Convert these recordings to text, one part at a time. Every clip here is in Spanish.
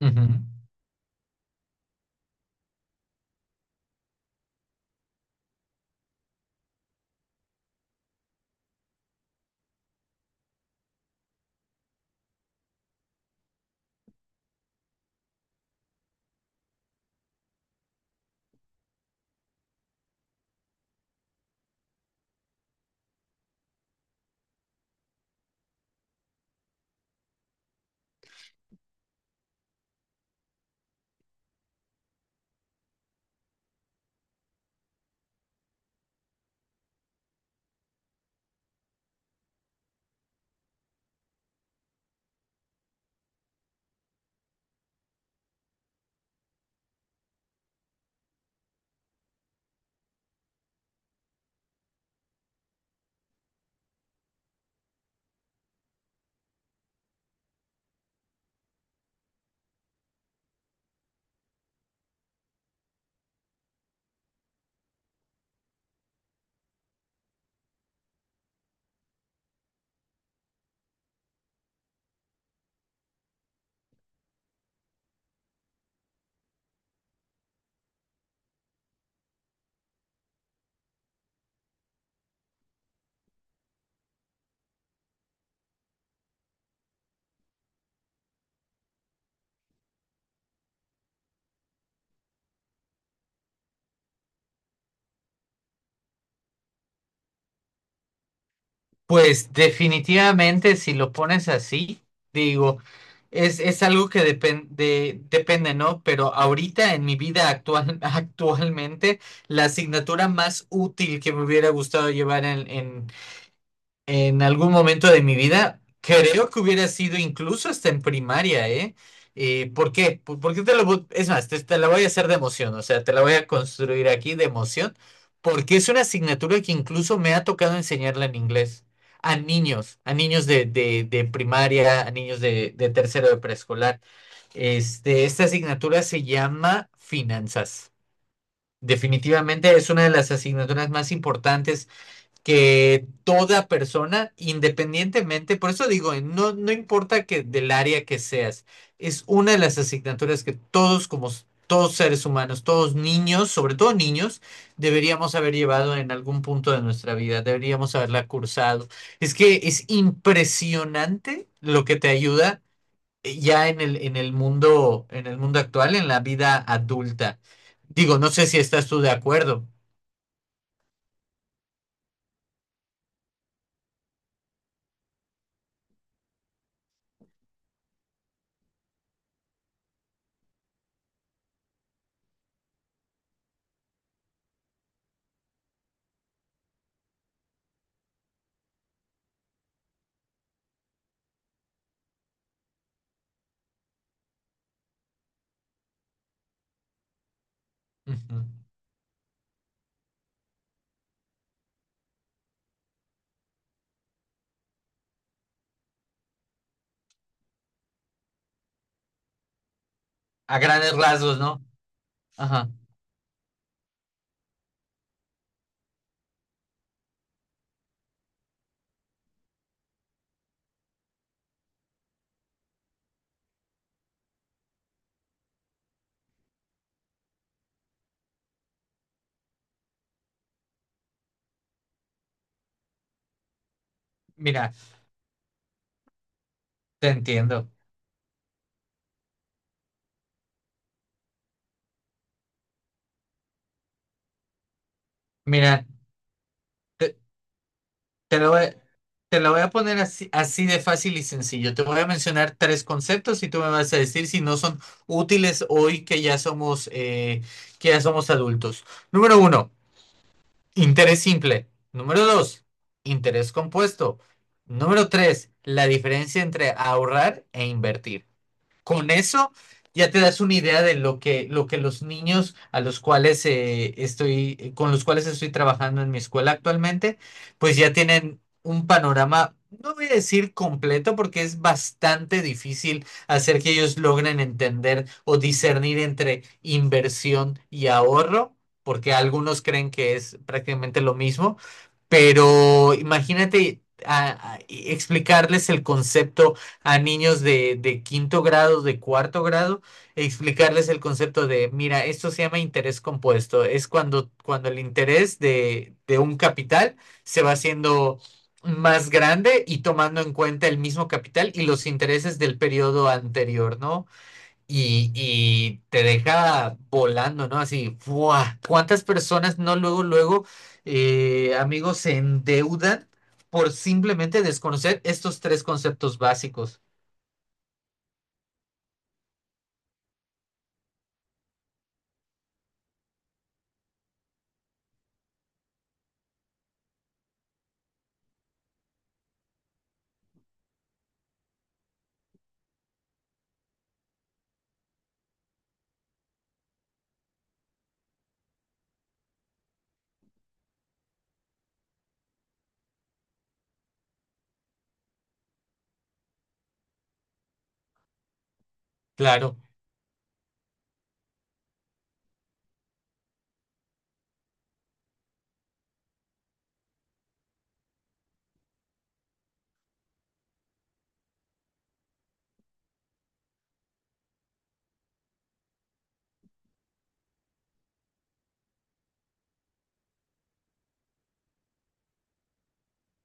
Ujú. Pues definitivamente si lo pones así, digo, es algo que depende, ¿no? Pero ahorita en mi vida actual, actualmente, la asignatura más útil que me hubiera gustado llevar en algún momento de mi vida, creo que hubiera sido incluso hasta en primaria, ¿eh? ¿Por qué? ¿Por qué Es más, te la voy a hacer de emoción, o sea, te la voy a construir aquí de emoción, porque es una asignatura que incluso me ha tocado enseñarla en inglés a niños de primaria, a niños de tercero de preescolar. Esta asignatura se llama finanzas. Definitivamente es una de las asignaturas más importantes que toda persona, independientemente, por eso digo, no, no importa que del área que seas, es una de las asignaturas que todos todos seres humanos, todos niños, sobre todo niños, deberíamos haber llevado en algún punto de nuestra vida, deberíamos haberla cursado. Es que es impresionante lo que te ayuda ya en en el mundo actual, en la vida adulta. Digo, no sé si estás tú de acuerdo. Ujú. A grandes rasgos, ¿no? Ajá. Mira, te entiendo. Mira, te, te lo voy, a- te lo voy a poner así, así de fácil y sencillo. Te voy a mencionar tres conceptos y tú me vas a decir si no son útiles hoy que ya somos adultos. Número uno, interés simple. Número dos, interés compuesto. Número tres, la diferencia entre ahorrar e invertir. Con eso ya te das una idea de lo que los niños a los cuales con los cuales estoy trabajando en mi escuela actualmente, pues ya tienen un panorama, no voy a decir completo, porque es bastante difícil hacer que ellos logren entender o discernir entre inversión y ahorro, porque algunos creen que es prácticamente lo mismo, pero imagínate explicarles el concepto a niños de quinto grado, de cuarto grado, explicarles el concepto de, mira, esto se llama interés compuesto. Es cuando el interés de un capital se va haciendo más grande y tomando en cuenta el mismo capital y los intereses del periodo anterior, ¿no? Y te deja volando, ¿no? Así, ¡buah! ¿Cuántas personas no luego, luego, amigos, se endeudan por simplemente desconocer estos tres conceptos básicos? Claro.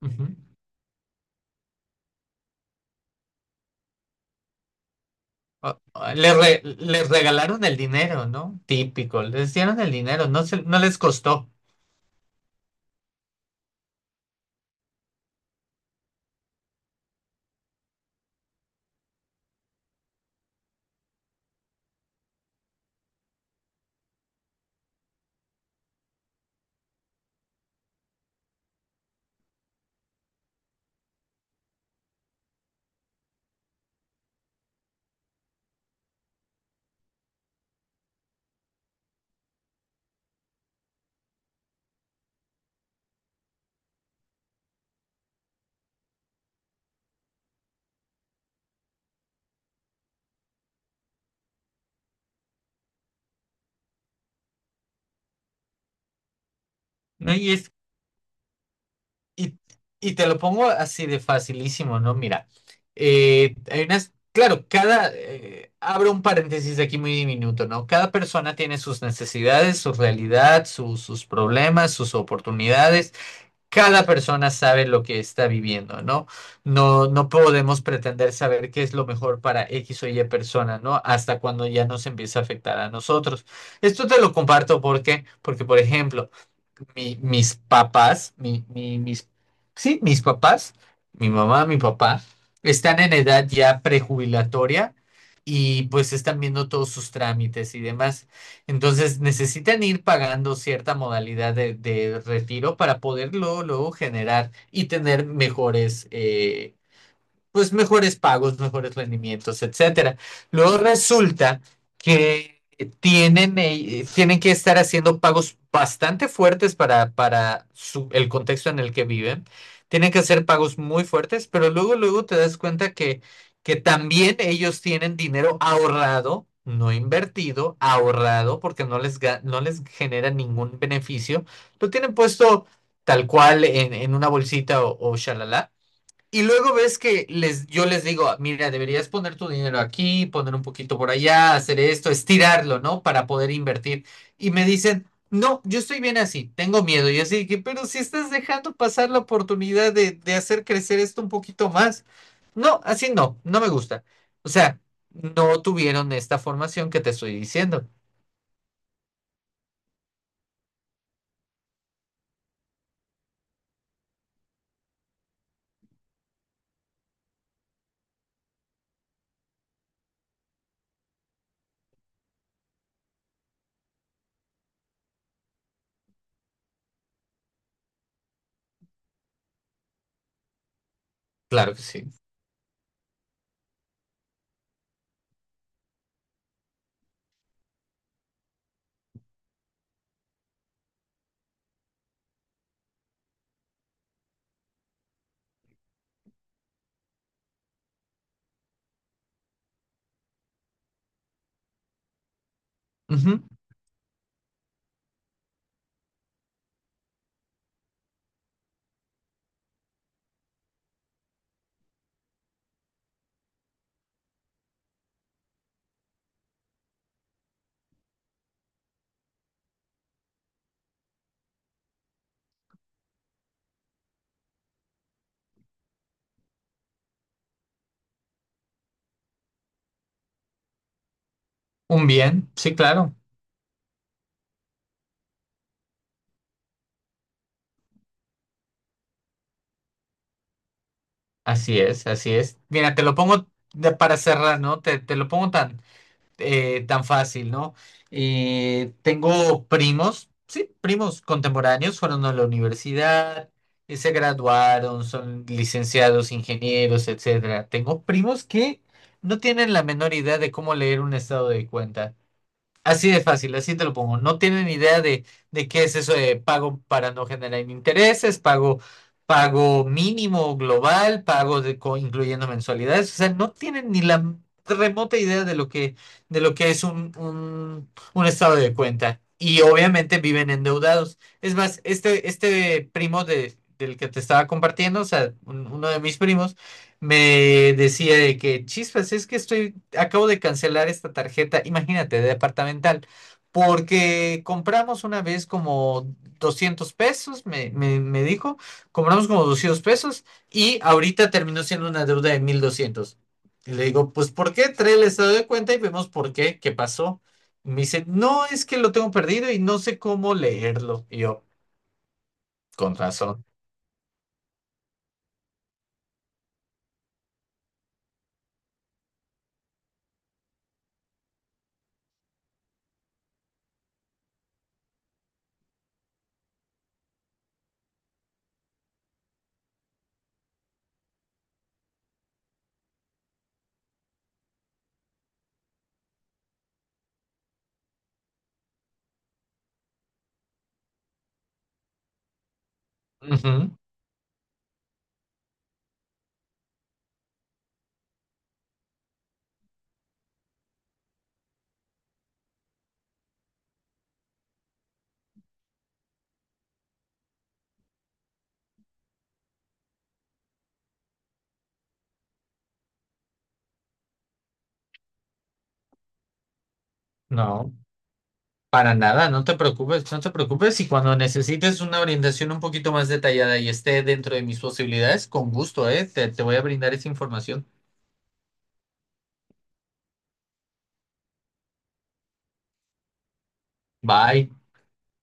Ujú. Les regalaron el dinero, ¿no? Típico, les dieron el dinero, no se, no les costó, ¿no? Y es, y, y te lo pongo así de facilísimo, ¿no? Mira, hay unas, claro, abro un paréntesis aquí muy diminuto, ¿no? Cada persona tiene sus necesidades, su realidad, sus problemas, sus oportunidades. Cada persona sabe lo que está viviendo, ¿no? No, no podemos pretender saber qué es lo mejor para X o Y persona, ¿no? Hasta cuando ya nos empieza a afectar a nosotros. Esto te lo comparto por ejemplo, mi- mis papás, mi, mi- mis, sí, mis papás, mi mamá, mi papá, están en edad ya prejubilatoria y pues están viendo todos sus trámites y demás. Entonces necesitan ir pagando cierta modalidad de retiro para poder luego, luego generar y tener mejores, pues mejores pagos, mejores rendimientos, etcétera. Luego resulta que tienen, tienen que estar haciendo pagos bastante fuertes para, el contexto en el que viven. Tienen que hacer pagos muy fuertes, pero luego, luego te das cuenta que también ellos tienen dinero ahorrado, no invertido, ahorrado, porque no les, no les genera ningún beneficio. Lo tienen puesto tal cual en una bolsita o shalala y luego ves que les, yo les digo, mira, deberías poner tu dinero aquí, poner un poquito por allá, hacer esto, estirarlo, ¿no? Para poder invertir. Y me dicen, no, yo estoy bien así, tengo miedo. Y así que, pero si estás dejando pasar la oportunidad de hacer crecer esto un poquito más. No, así no, no me gusta. O sea, no tuvieron esta formación que te estoy diciendo. Claro que sí. Ujú. Un bien, sí, claro. Así es, así es. Mira, te lo pongo para cerrar, ¿no? Te lo pongo tan tan fácil, ¿no? Tengo primos, sí, primos contemporáneos, fueron a la universidad, se graduaron, son licenciados, ingenieros, etcétera. Tengo primos que no tienen la menor idea de cómo leer un estado de cuenta. Así de fácil, así te lo pongo. No tienen idea de qué es eso de pago para no generar intereses, pago, pago mínimo global, pago de, incluyendo mensualidades. O sea, no tienen ni la remota idea de lo que es un estado de cuenta. Y obviamente viven endeudados. Es más, este primo del que te estaba compartiendo, o sea, uno de mis primos, me decía de que, chispas, es que estoy acabo de cancelar esta tarjeta, imagínate, de departamental, porque compramos una vez como $200, me dijo, compramos como $200 y ahorita terminó siendo una deuda de 1200. Y le digo, pues ¿por qué? Trae el estado de cuenta y vemos por qué, qué pasó. Y me dice, no, es que lo tengo perdido y no sé cómo leerlo. Y yo, con razón. Ujú. No. Para nada, no te preocupes, no te preocupes. Y cuando necesites una orientación un poquito más detallada y esté dentro de mis posibilidades, con gusto, ¿eh? Te voy a brindar esa información. Bye.